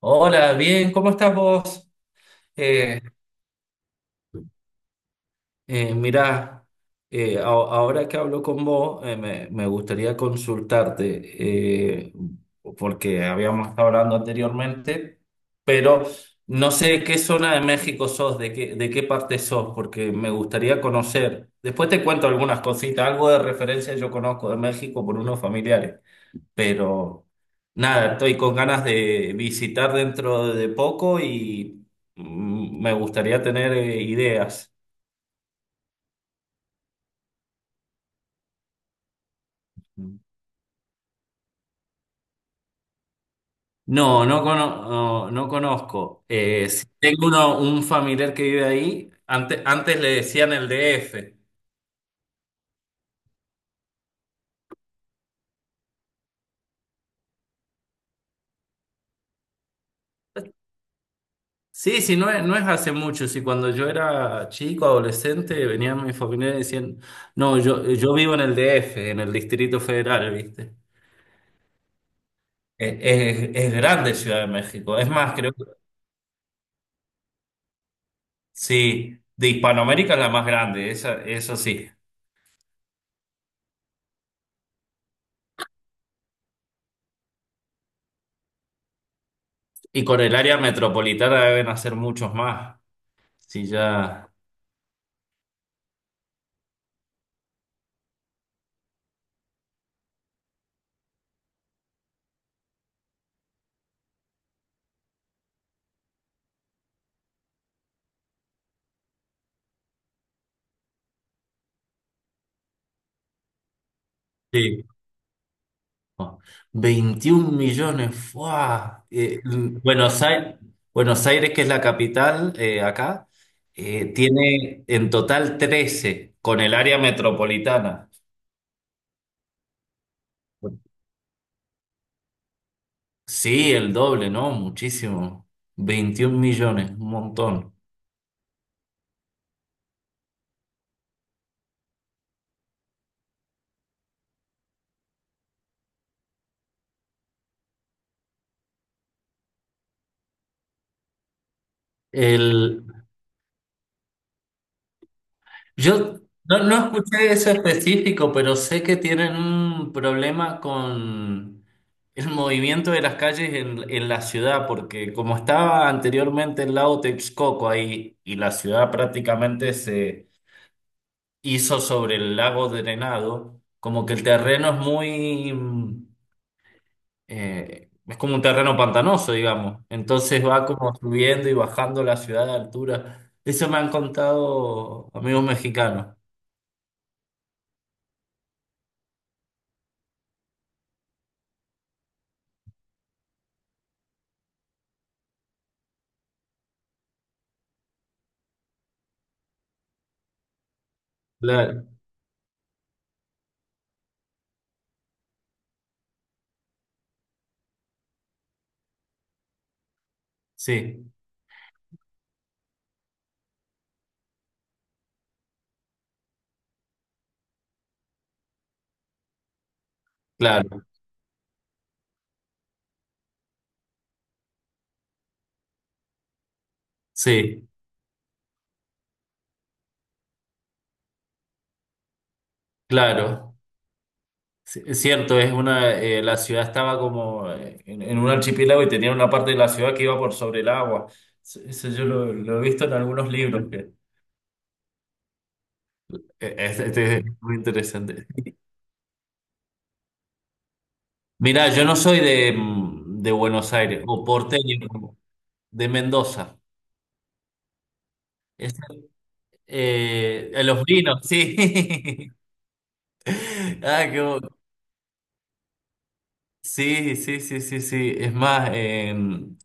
Hola, bien, ¿cómo estás vos? Eh, Mirá, ahora que hablo con vos, me gustaría consultarte, porque habíamos estado hablando anteriormente, pero no sé de qué zona de México sos, de qué parte sos, porque me gustaría conocer. Después te cuento algunas cositas, algo de referencia yo conozco de México por unos familiares. Pero nada, estoy con ganas de visitar dentro de poco y me gustaría tener ideas. No, no, no, no conozco. Sí, tengo un familiar que vive ahí. Antes le decían el DF. Sí, sí, no es hace mucho. Sí, cuando yo era chico, adolescente, venían mi familiares y decían: no, yo vivo en el DF, en el Distrito Federal, ¿viste? Es, es grande Ciudad de México. Es más, creo. Sí, de Hispanoamérica es la más grande, esa, eso sí. Y con el área metropolitana deben hacer muchos más. Sí, ya. Sí. 21 millones. ¡Fua! Buenos Aires, Buenos Aires, que es la capital acá, tiene en total 13 con el área metropolitana. Sí, el doble, ¿no? Muchísimo. 21 millones, un montón. El Yo no escuché eso específico, pero sé que tienen un problema con el movimiento de las calles en la ciudad, porque como estaba anteriormente el lago Texcoco ahí y la ciudad prácticamente se hizo sobre el lago drenado, como que el terreno es como un terreno pantanoso, digamos. Entonces va como subiendo y bajando la ciudad de altura. Eso me han contado amigos mexicanos. Sí, claro, sí, claro. Sí, es cierto, la ciudad estaba como en un archipiélago y tenía una parte de la ciudad que iba por sobre el agua. Sí, eso yo lo he visto en algunos libros, que este es muy interesante. Mirá, yo no soy de Buenos Aires, o porteño, como, de Mendoza. Es, a los vinos, sí. Ah. Sí, sí, sí, sí, sí. Es más,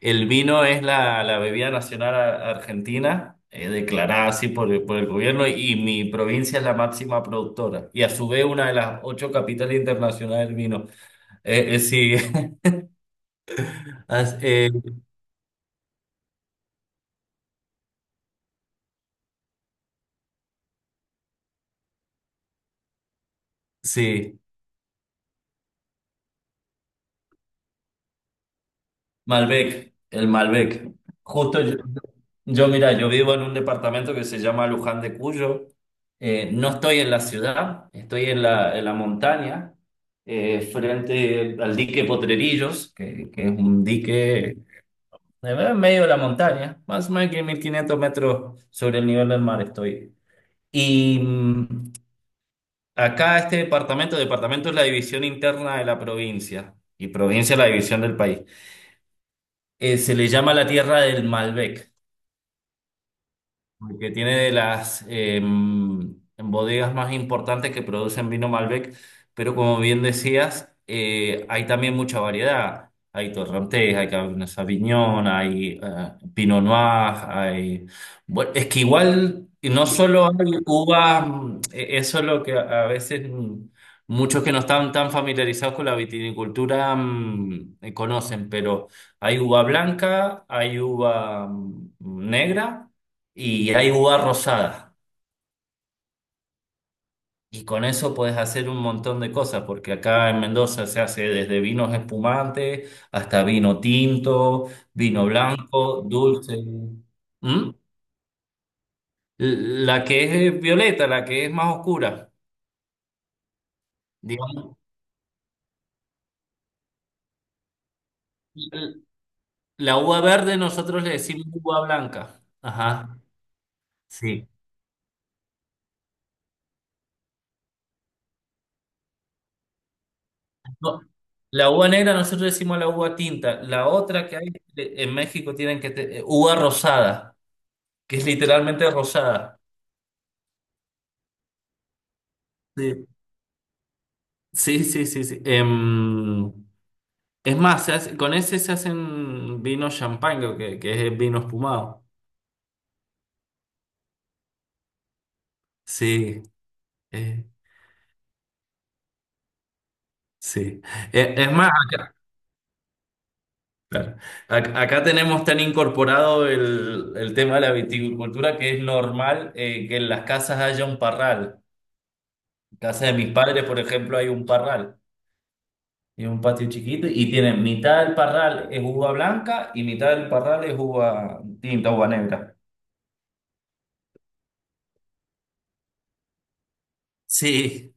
el vino es la bebida nacional argentina, declarada así por el gobierno, y mi provincia es la máxima productora, y a su vez una de las ocho capitales internacionales del vino. Sí. as- eh, sí, Malbec, el Malbec. Justo mira, yo vivo en un departamento que se llama Luján de Cuyo. No estoy en la ciudad, estoy en la montaña, frente al dique Potrerillos, que es un dique. Me veo en medio de la montaña, más o menos que 1.500 metros sobre el nivel del mar estoy. Y acá este departamento es la división interna de la provincia y provincia es la división del país. Se le llama la Tierra del Malbec. Porque tiene de las bodegas más importantes que producen vino Malbec, pero como bien decías, hay también mucha variedad. Hay Torrontés, hay Cabernet Sauvignon, hay Pinot Noir, hay. Bueno, es que igual no solo hay uvas, eso es lo que a veces, muchos que no están tan familiarizados con la vitinicultura conocen, pero hay uva blanca, hay uva negra y hay uva rosada. Y con eso puedes hacer un montón de cosas, porque acá en Mendoza se hace desde vinos espumantes hasta vino tinto, vino blanco, dulce. ¿Mm? La que es violeta, la que es más oscura. Digamos, l- la uva verde nosotros le decimos uva blanca. Ajá, sí. No, la uva negra nosotros le decimos la uva tinta. La otra que hay en México tienen que uva rosada, que es literalmente rosada. Sí, sí, sí, sí. Sí. Es más, con ese se hacen vino champán, creo que es vino espumado. Sí, eh, sí. Es más, acá, claro. Acá tenemos tan incorporado el tema de la viticultura que es normal que en las casas haya un parral. En casa de mis padres, por ejemplo, hay un parral. Y un patio chiquito y tienen mitad del parral es uva blanca y mitad del parral es uva tinta, uva negra. Sí,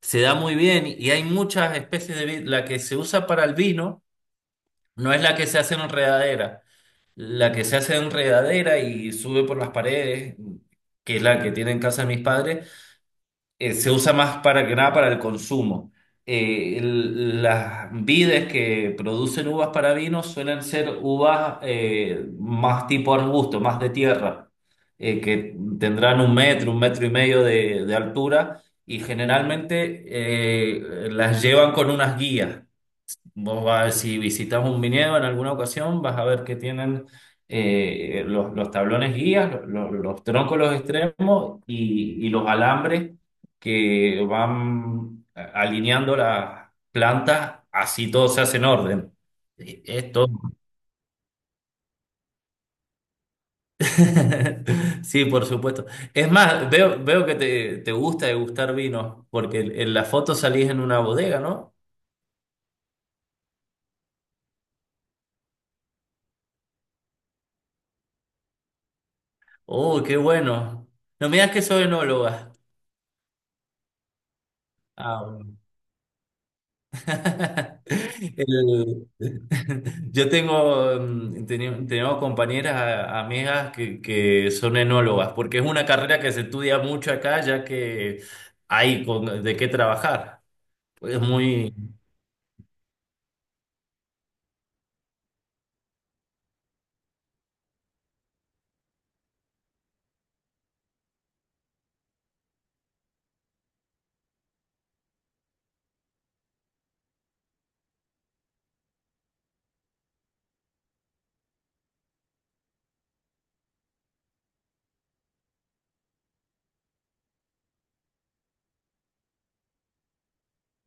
se da muy bien y hay muchas especies de vid. La que se usa para el vino no es la que se hace en enredadera. La que se hace en enredadera y sube por las paredes, que es la que tienen en casa de mis padres, se usa más para que nada para el consumo. Las vides que producen uvas para vino suelen ser uvas más tipo arbusto, más de tierra, que tendrán un metro y medio de altura, y generalmente las llevan con unas guías. Vos vas, si visitas un viñedo en alguna ocasión, vas a ver que tienen los tablones guías, los troncos, los extremos y los alambres que van alineando las plantas, así todo se hace en orden. Esto. Sí, por supuesto. Es más, veo que te gusta degustar vinos, porque en la foto salís en una bodega, ¿no? Oh, qué bueno. No me digas que soy enóloga. Ah, bueno. El- yo tengo compañeras, amigas que son enólogas, porque es una carrera que se estudia mucho acá, ya que hay de qué trabajar. Es muy,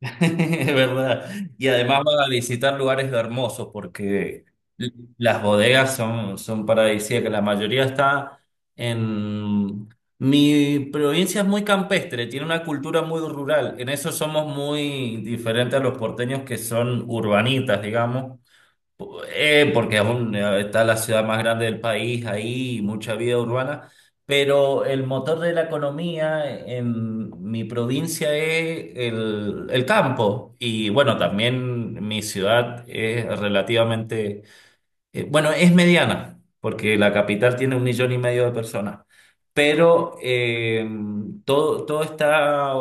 Es verdad. Y además va a visitar lugares hermosos porque l- las bodegas son paradisíacas. La mayoría está en... Mi provincia es muy campestre, tiene una cultura muy rural. En eso somos muy diferentes a los porteños que son urbanitas, digamos. Porque está la ciudad más grande del país ahí, mucha vida urbana, pero el motor de la economía en mi provincia es el campo. Y bueno, también mi ciudad es relativamente bueno, es mediana, porque la capital tiene un millón y medio de personas, pero todo, todo está,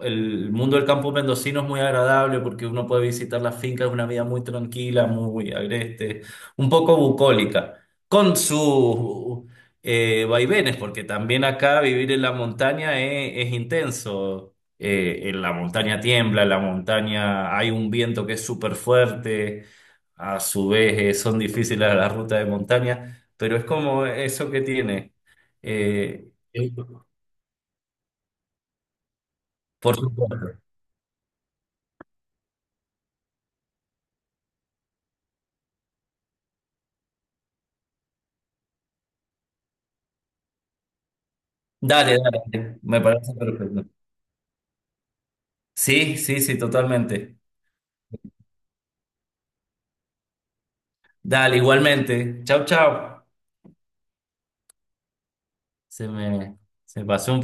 el mundo del campo mendocino es muy agradable porque uno puede visitar las fincas, es una vida muy tranquila, muy agreste, un poco bucólica, con sus vaivenes, porque también acá vivir en la montaña es intenso. En la montaña tiembla, en la montaña hay un viento que es súper fuerte. A su vez, son difíciles a las rutas de montaña, pero es como eso que tiene. Eh, Sí, por supuesto. Dale, dale, me parece perfecto. Sí, sí, sí, totalmente. Dale, igualmente. Chau, chau. Se me, se pasó un